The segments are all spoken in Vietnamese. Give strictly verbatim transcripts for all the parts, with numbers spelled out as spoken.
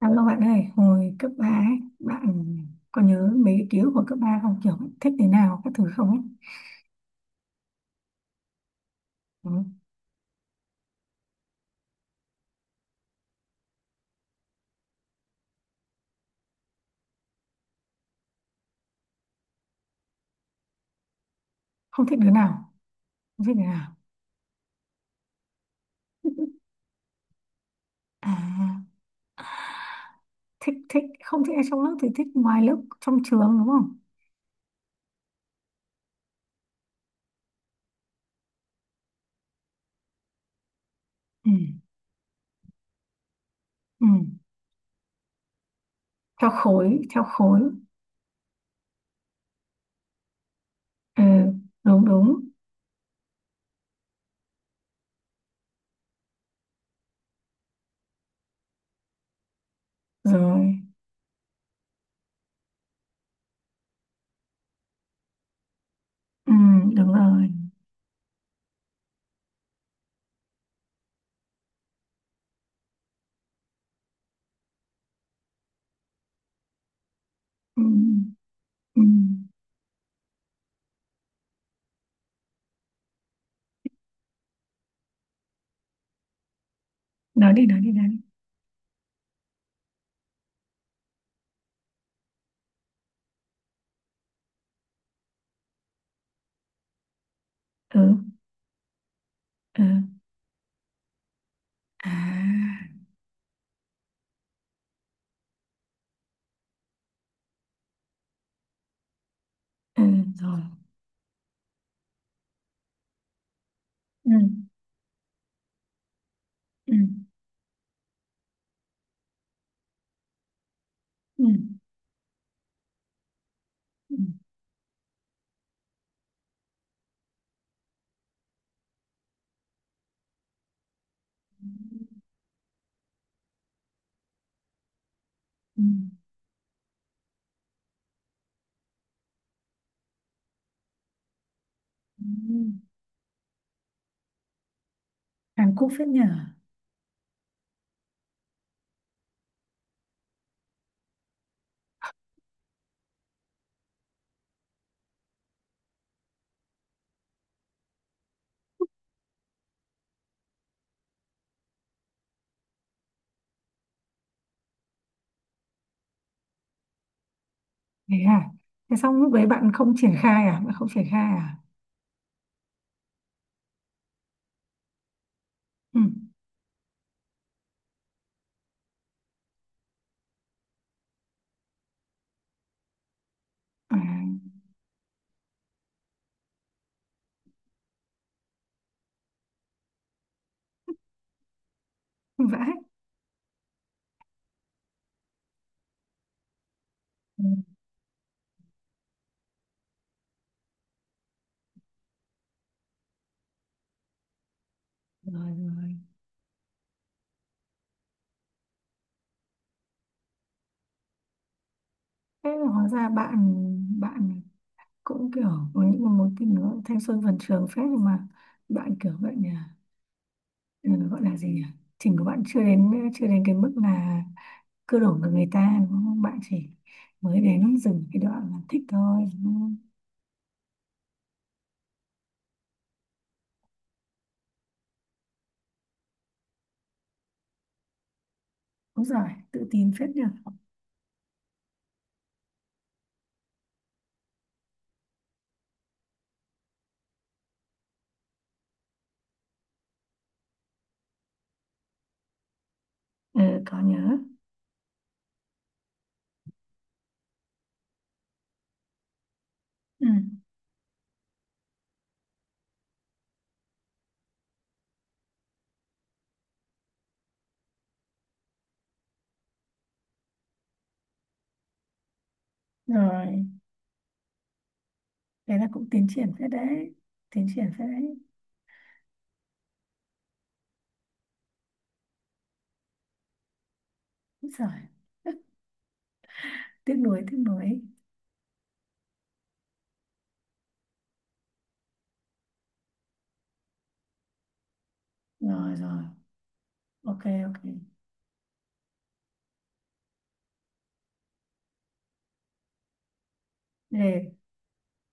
Cảm ơn bạn ơi, hồi cấp ba ấy, bạn có nhớ mấy cái ký ức hồi cấp ba không? Kiểu thích đứa nào, các thứ không ấy? Ừ. Không thích đứa nào, không thích đứa nào. À, thích, thích, không thích ai trong lớp thì thích ngoài lớp, trong trường đúng không? Ừ, ừ. Theo khối, theo khối. Ừ, đúng, đúng. Rồi, ừ, đúng rồi. Ừ, ừ. Nói đi, nói đi, nói đi. Ừ, ừ. À, ừ, rồi. Ừ, ừ, ừ, ừ, ừ. Ừ, Hàn Quốc phết nhỉ. Thế à? Thế xong lúc đấy bạn không triển khai à? Bạn không triển khai à? Ừ. À vãi. Ừ. Rồi rồi. Thế là hóa ra bạn bạn cũng kiểu có những cái mối tình nó thanh xuân vườn trường phết, nhưng mà bạn kiểu vậy nhỉ? Ừ, gọi là gì nhỉ? Trình của bạn chưa đến chưa đến cái mức là cưa đổ với người ta đúng không? Bạn chỉ mới đến dừng cái đoạn là thích thôi đúng không? Đúng rồi, tự tin phết nhỉ. Ừ, có nhớ. Ừ. Rồi. Thế là cũng tiến triển phết đấy, tiến triển phết đấy. Úi giời. Tiếc nuối, tiếc nuối. Rồi rồi, ok ok. Để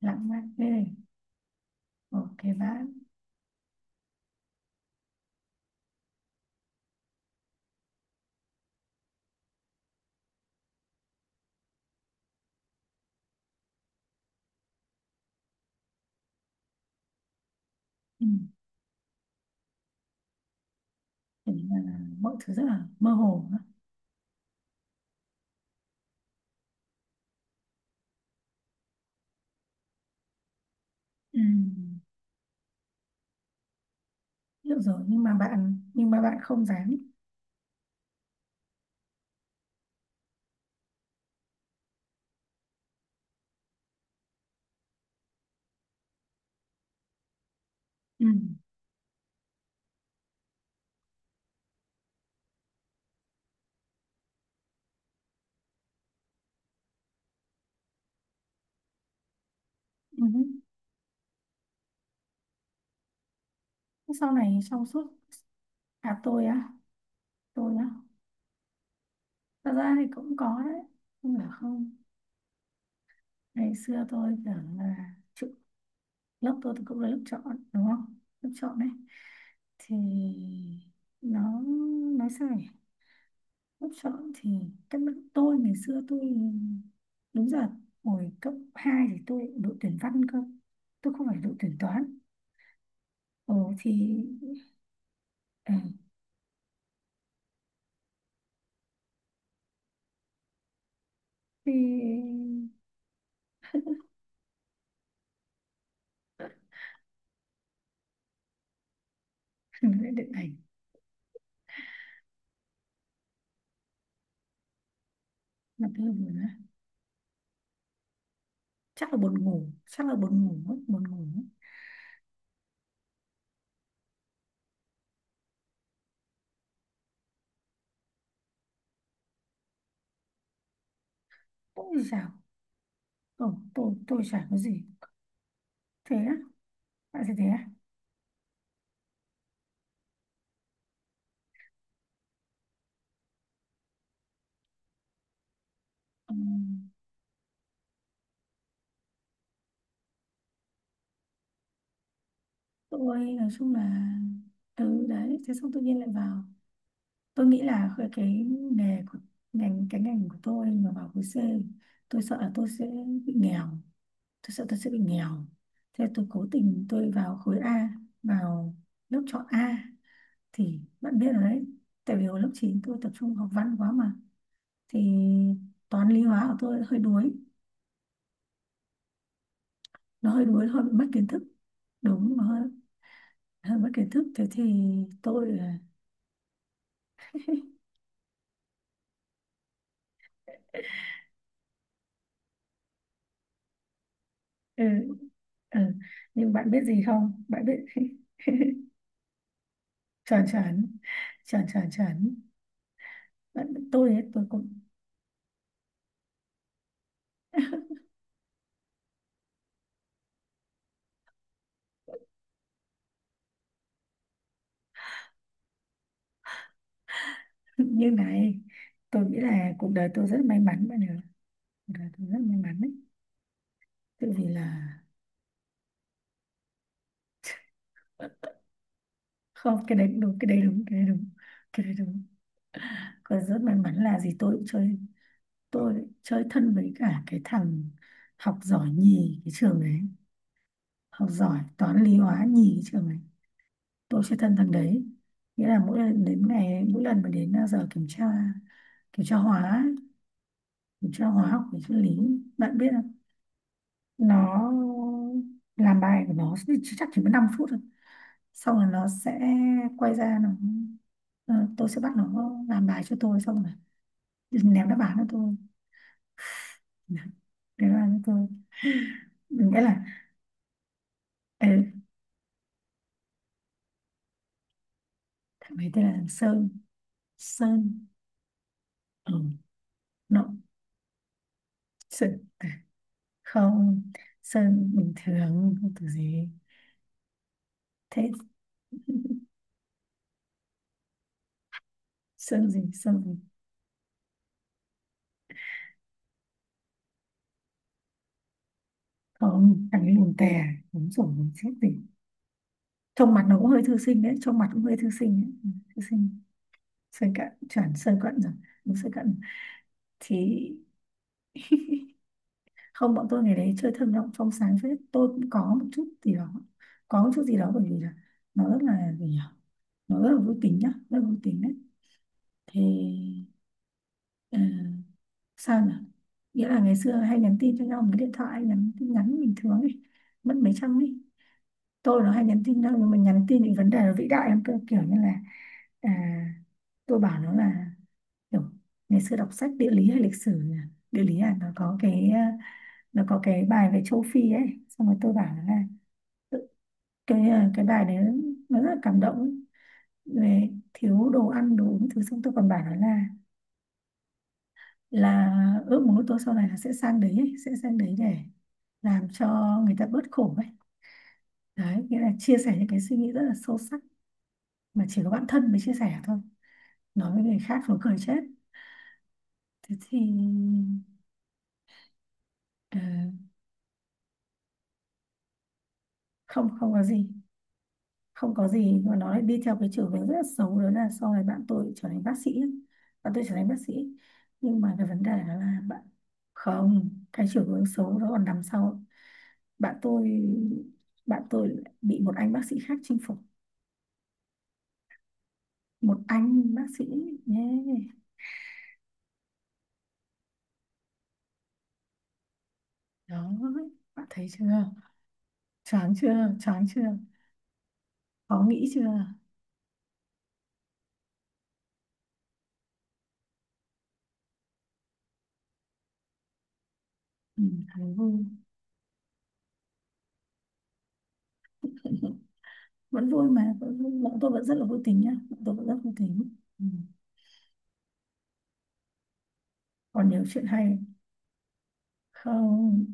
lãng mạn ghê. Ok bạn. Ừ. Thế là mọi thứ rất là mơ hồ đó. Ừ. Hiểu rồi, nhưng mà bạn nhưng mà bạn không dám. Ừ. Ừ. Sau này trong suốt. À, tôi á? Tôi á? Thật ra thì cũng có đấy, không phải không. Ngày xưa tôi tưởng là chịu. Lớp tôi thì cũng là lớp chọn đúng không, lớp chọn đấy. Thì nó, nói sao nhỉ, lớp chọn thì các bạn tôi ngày xưa tôi đúng giờ, hồi cấp hai thì tôi đội tuyển văn cơ, tôi không phải đội tuyển toán. Ừ, thì ờ, thì lại định ảnh. Là tôi buồn á? Chắc là buồn ngủ, chắc là buồn ngủ mất, buồn ngủ mất. Ôi dào. Ừ, tôi tôi chả có gì. Thế á? Bạn sẽ thế á? Ừ. Tôi nói chung là, ừ, đấy, thế xong tự nhiên lại vào. Tôi nghĩ là cái cái nghề của ngành, cái ngành của tôi mà vào khối C, tôi sợ là tôi sẽ bị nghèo, tôi sợ tôi sẽ bị nghèo. Thế tôi cố tình tôi vào khối A, vào lớp chọn A, thì bạn biết rồi đấy. Tại vì hồi lớp chín tôi tập trung học văn quá mà, thì toán lý hóa của tôi hơi đuối, nó hơi đuối, hơi bị mất kiến thức. Đúng, nó hơi, hơi mất kiến thức, thế thì tôi là- ừ, ừ. Nhưng bạn biết gì không, bạn biết. Chuẩn chuẩn, chuẩn chuẩn chuẩn. Bạn tôi ấy, tôi cũng. Như này, tôi nghĩ là cuộc đời tôi rất may mắn bạn ạ, cuộc đời tôi rất may mắn đấy. Tự vì là, không, cái đấy cũng đúng, cái đấy đúng, cái đấy đúng, cái đấy đúng. Còn rất may mắn là gì, tôi cũng chơi, tôi chơi thân với cả cái thằng học giỏi nhì cái trường đấy, học giỏi toán lý hóa nhì cái trường đấy. Tôi sẽ thân thằng đấy. Nghĩa là mỗi lần đến ngày, mỗi lần mà đến à, giờ kiểm tra, kiểm tra hóa ấy, kiểm tra hóa học về sinh lý, bạn biết không. Nó làm bài của nó thì chỉ- chắc chỉ mất năm phút thôi, xong rồi nó sẽ quay ra nó, ờ, tôi sẽ bắt nó làm bài cho tôi, xong rồi ném đáp án cho tôi, ném đáp án cho tôi. Nghĩa là, ê, thằng ấy tên là Sơn. Sơn, ừ, nó Sơn. À, không, Sơn bình thường không có gì. Thế Sơn gì, Sơn gì? Không, thằng ấy lùn tè. Đúng rồi, chết tỉnh. Trông mặt nó cũng hơi thư sinh đấy, trông mặt cũng hơi thư sinh đấy. Ừ, thư sinh. Sơn cận, chuẩn Sơn cận rồi, đúng Sơn cận. Thì không, bọn tôi ngày đấy chơi thơ mộng trong sáng phết, tôi cũng có một chút gì đó, có một chút gì đó bởi vì là nó rất là gì nhỉ, nó rất là vui tính nhá, rất là vui tính đấy. Thì ờ, sao nhỉ, nghĩa là ngày xưa hay nhắn tin cho nhau một cái điện thoại, nhắn tin nhắn bình thường ấy, mất mấy trăm ấy. Tôi nó hay nhắn tin nhau, nhưng mà nhắn tin những vấn đề nó vĩ đại lắm cơ, kiểu như là à, tôi bảo nó là kiểu ngày xưa đọc sách địa lý hay lịch sử nhỉ? Địa lý, à nó có cái, à, nó có cái bài về châu Phi ấy, xong rồi tôi bảo nó là cái, à, cái bài đấy nó rất là cảm động ấy. Về thiếu đồ ăn đồ uống thứ, xong tôi còn bảo nó là là ước muốn của tôi sau này là sẽ sang đấy ấy, sẽ sang đấy để làm cho người ta bớt khổ ấy. Đấy, nghĩa là chia sẻ những cái suy nghĩ rất là sâu sắc mà chỉ có bản thân mới chia sẻ thôi, nói với người khác nó cười chết. Thế thì ờ, không, không có gì, không có gì, mà nó lại đi theo cái chiều hướng rất là xấu, đó là sau này bạn tôi trở thành bác sĩ ấy. Bạn tôi trở thành bác sĩ, nhưng mà cái vấn đề đó là bạn. Không, cái chiều hướng xấu đó còn nằm sau. Bạn tôi, bạn tôi lại bị một anh bác sĩ khác chinh phục, một anh bác sĩ, nhé. Đó, bạn thấy chưa, choáng chưa, choáng chưa, khó nghĩ chưa. Ừ, thấy vui, vẫn vui mà vẫn vui. Bọn tôi vẫn rất là vui tính nhá, bọn tôi vẫn rất vui tính. Ừ, còn nhiều chuyện hay. Không,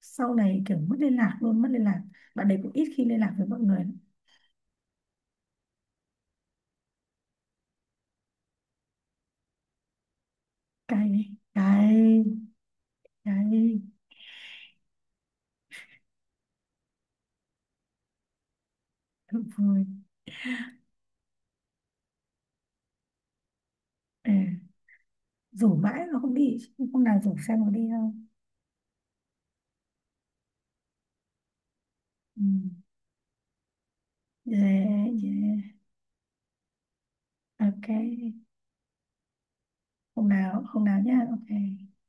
sau này kiểu mất liên lạc luôn, mất liên lạc, bạn đấy cũng ít khi liên lạc với mọi người lắm. Cay đấy, cay, cay. Thật vui. Ờ, rủ mãi mà không đi chứ, hôm nào rủ xem có đi không. Ừ, yeah, yeah. Ok. Hôm nào, hôm nào nhá, ok.